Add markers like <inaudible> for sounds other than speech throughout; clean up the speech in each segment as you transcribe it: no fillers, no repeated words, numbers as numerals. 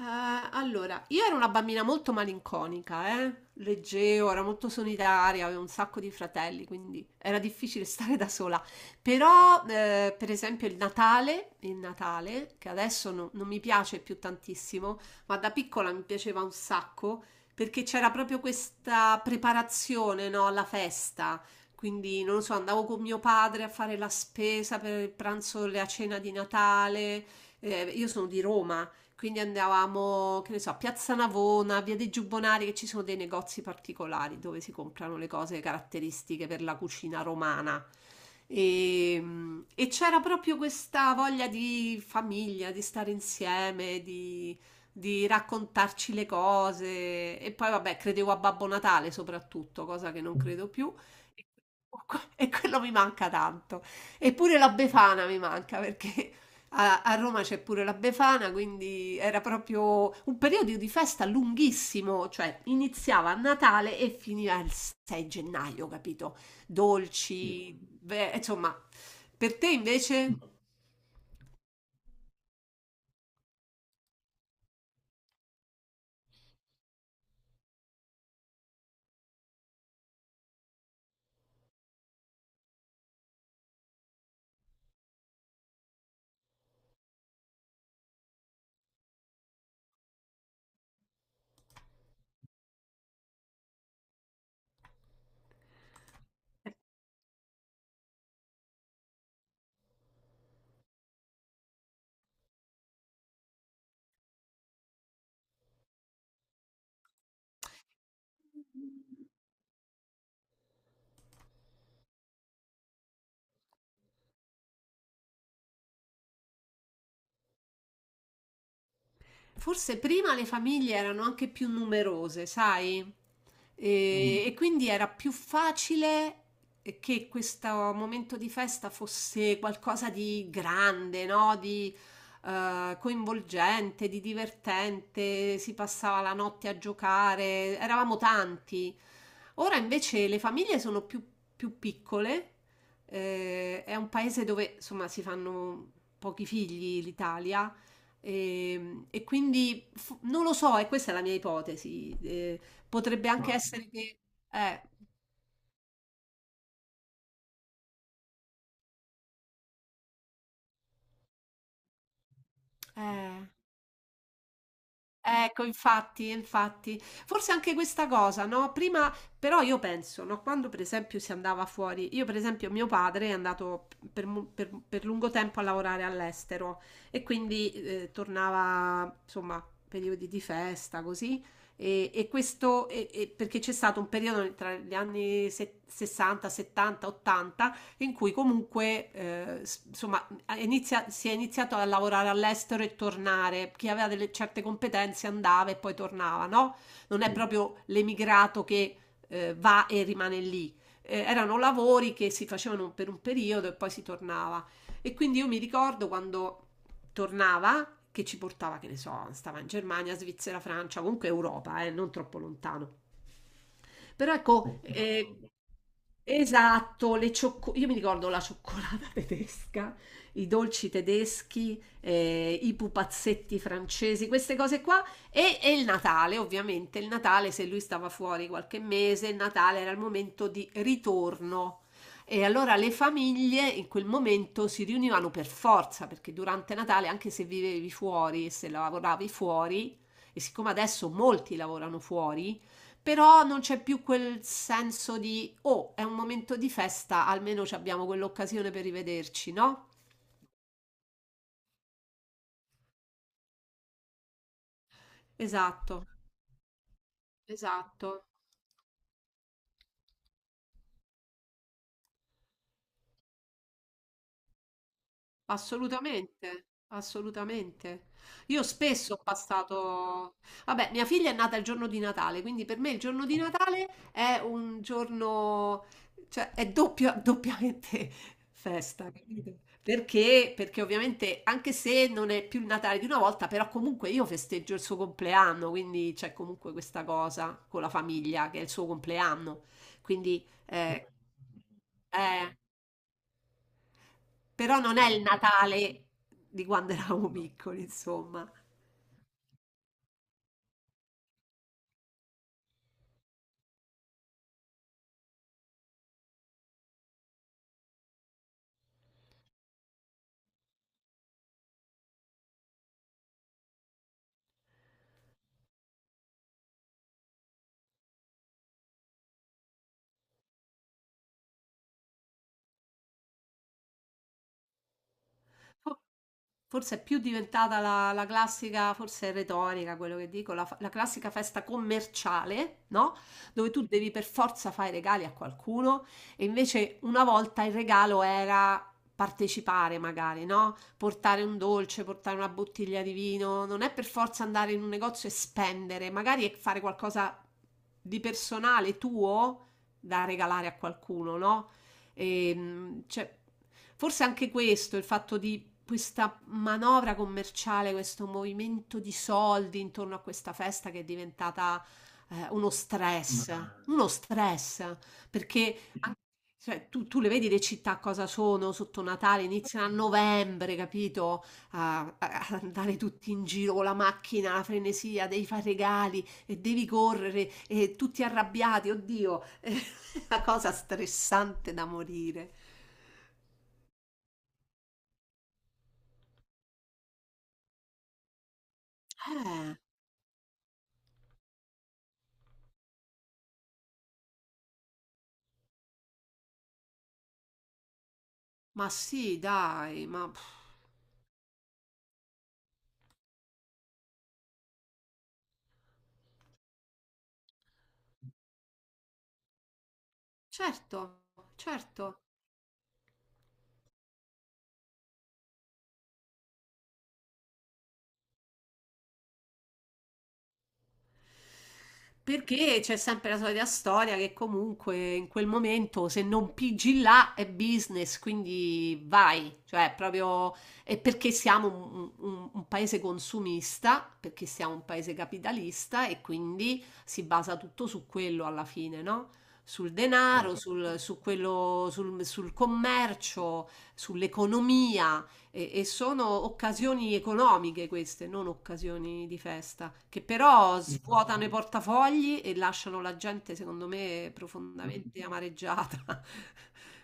Eh, allora, io ero una bambina molto malinconica, eh? Leggevo, ero molto solitaria, avevo un sacco di fratelli, quindi era difficile <laughs> stare da sola. Però, per esempio, il Natale, che adesso non mi piace più tantissimo, ma da piccola mi piaceva un sacco, perché c'era proprio questa preparazione, no, alla festa. Quindi, non lo so, andavo con mio padre a fare la spesa per il pranzo, la cena di Natale. Io sono di Roma. Quindi andavamo, che ne so, a Piazza Navona, via dei Giubbonari, che ci sono dei negozi particolari dove si comprano le cose caratteristiche per la cucina romana. E, e c'era proprio questa voglia di famiglia, di stare insieme, di raccontarci le cose. E poi, vabbè, credevo a Babbo Natale soprattutto, cosa che non credo più. E <laughs> e quello mi manca tanto. Eppure la Befana mi manca perché a Roma c'è pure la Befana, quindi era proprio un periodo di festa lunghissimo, cioè iniziava a Natale e finiva il 6 gennaio, capito? Dolci, beh, insomma, per te invece? Forse prima le famiglie erano anche più numerose, sai? E, mm. e quindi era più facile che questo momento di festa fosse qualcosa di grande, no? Di coinvolgente, di divertente, si passava la notte a giocare, eravamo tanti. Ora invece le famiglie sono più piccole, è un paese dove insomma si fanno pochi figli l'Italia e quindi non lo so, e questa è la mia ipotesi. Potrebbe anche ma essere che... eh, eh, Ecco, infatti, infatti. Forse anche questa cosa, no, prima però io penso, no, quando per esempio si andava fuori, io per esempio mio padre è andato per lungo tempo a lavorare all'estero e quindi tornava, insomma, periodi di festa, così, e questo e perché c'è stato un periodo tra gli anni 60, 70, 80 in cui comunque, insomma, si è iniziato a lavorare all'estero e tornare. Chi aveva delle certe competenze andava e poi tornava, no? Non è proprio l'emigrato che va e rimane lì. Erano lavori che si facevano per un periodo e poi si tornava. E quindi io mi ricordo quando tornava, che ci portava, che ne so, stava in Germania, Svizzera, Francia, comunque Europa, non troppo lontano. Però ecco. Esatto, le ciocco io mi ricordo la cioccolata <laughs> tedesca, i dolci tedeschi, i pupazzetti francesi, queste cose qua e il Natale, ovviamente. Il Natale, se lui stava fuori qualche mese, il Natale era il momento di ritorno. E allora le famiglie in quel momento si riunivano per forza, perché durante Natale, anche se vivevi fuori e se lavoravi fuori, e siccome adesso molti lavorano fuori, però non c'è più quel senso di oh, è un momento di festa, almeno ci abbiamo quell'occasione per rivederci, no? Esatto, esatto. Assolutamente, assolutamente. Io spesso ho passato... Vabbè, mia figlia è nata il giorno di Natale, quindi per me il giorno di Natale è un giorno, cioè è <laughs> doppiamente festa, capito? Perché? Perché ovviamente, anche se non è più il Natale di una volta, però comunque io festeggio il suo compleanno, quindi c'è comunque questa cosa con la famiglia, che è il suo compleanno. Quindi... eh, però non è il Natale di quando eravamo piccoli, insomma. Fo- Forse è più diventata la classica, forse è retorica quello che dico, la classica festa commerciale, no? Dove tu devi per forza fare i regali a qualcuno e invece una volta il regalo era partecipare magari, no? Portare un dolce, portare una bottiglia di vino, non è per forza andare in un negozio e spendere, magari è fare qualcosa di personale tuo da regalare a qualcuno, no? E, cioè, forse anche questo, il fatto di questa manovra commerciale, questo movimento di soldi intorno a questa festa che è diventata eh, uno stress, uno stress, perché anche- cioè, tu le vedi le città cosa sono sotto Natale, iniziano a novembre, capito? Ad andare tutti in giro con la macchina, la frenesia, devi fare regali e devi correre e tutti arrabbiati, oddio, <laughs> è una cosa stressante da morire. Eh. Ma sì, dai, ma pff, certo, certo. Perché c'è sempre la solita storia che comunque in quel momento se non pigi là è business, quindi vai, cioè proprio è perché siamo un paese consumista, perché siamo un paese capitalista e quindi si basa tutto su quello alla fine, no? Sul denaro, su quello, sul commercio, sull'economia. E sono occasioni economiche queste, non occasioni di festa, che però svuotano i portafogli e lasciano la gente, secondo me, profondamente amareggiata. <laughs>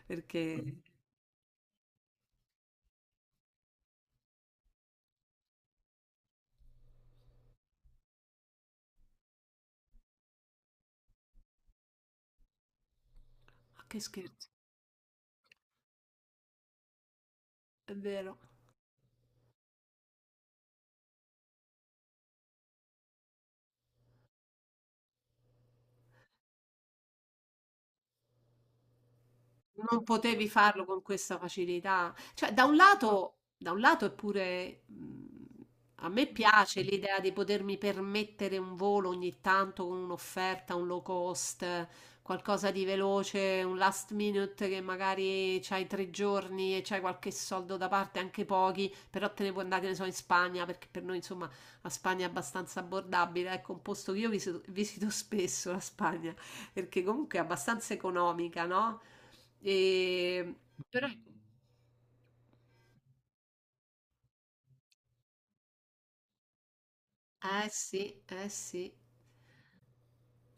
Perché, ma che scherzo, è vero. Non potevi farlo con questa facilità. Cioè, da un lato è pure, a me piace l'idea di potermi permettere un volo ogni tanto con un'offerta, un low cost, qualcosa di veloce, un last minute che magari c'hai tre giorni e c'hai qualche soldo da parte, anche pochi, però te ne puoi andare, che ne so, in Spagna, perché per noi, insomma, la Spagna è abbastanza abbordabile. Ecco, un posto che io visito spesso, la Spagna, perché comunque è abbastanza economica, no? E... Però... Eh sì, eh sì.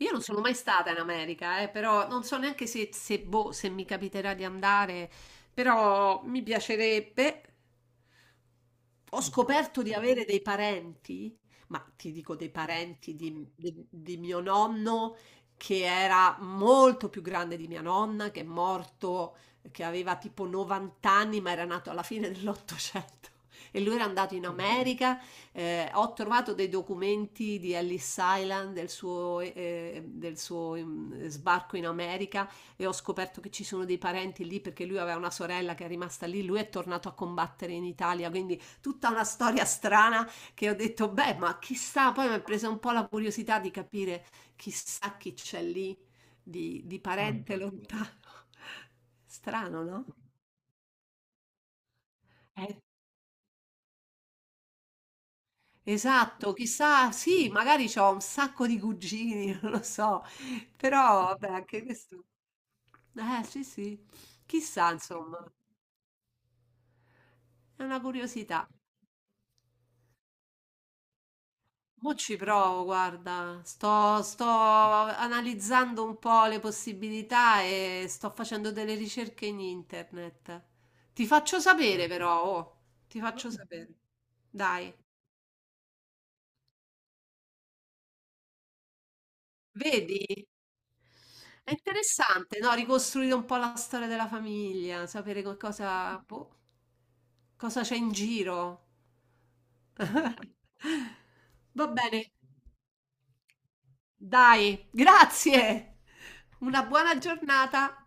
Io non sono mai stata in America, però non so neanche se, se, boh, se mi capiterà di andare, però mi piacerebbe. Ho scoperto di avere dei parenti, ma ti dico dei parenti di mio nonno che era molto più grande di mia nonna, che è morto, che aveva tipo 90 anni, ma era nato alla fine dell'Ottocento. E lui era andato in America. Eh, ho trovato dei documenti di Ellis Island, del suo sbarco in America, e ho scoperto che ci sono dei parenti lì perché lui aveva una sorella che è rimasta lì. Lui è tornato a combattere in Italia, quindi tutta una storia strana che ho detto, beh, ma chissà, poi mi è presa un po' la curiosità di capire chissà chi c'è lì di parente lontano. <laughs> Strano, no? Eh, Esatto, chissà, sì, magari ho un sacco di cugini, <laughs> non lo so, però vabbè, anche questo. Sì, sì, chissà, insomma, è una curiosità. Mo' ci provo, guarda, sto analizzando un po' le possibilità e sto facendo delle ricerche in internet. Ti faccio sapere però, oh, ti Va faccio bene. Sapere. Dai, vedi? È interessante, no? Ricostruire un po' la storia della famiglia, sapere che cosa, boh, cosa c'è in giro. <laughs> Va bene. Dai, grazie. Una buona giornata.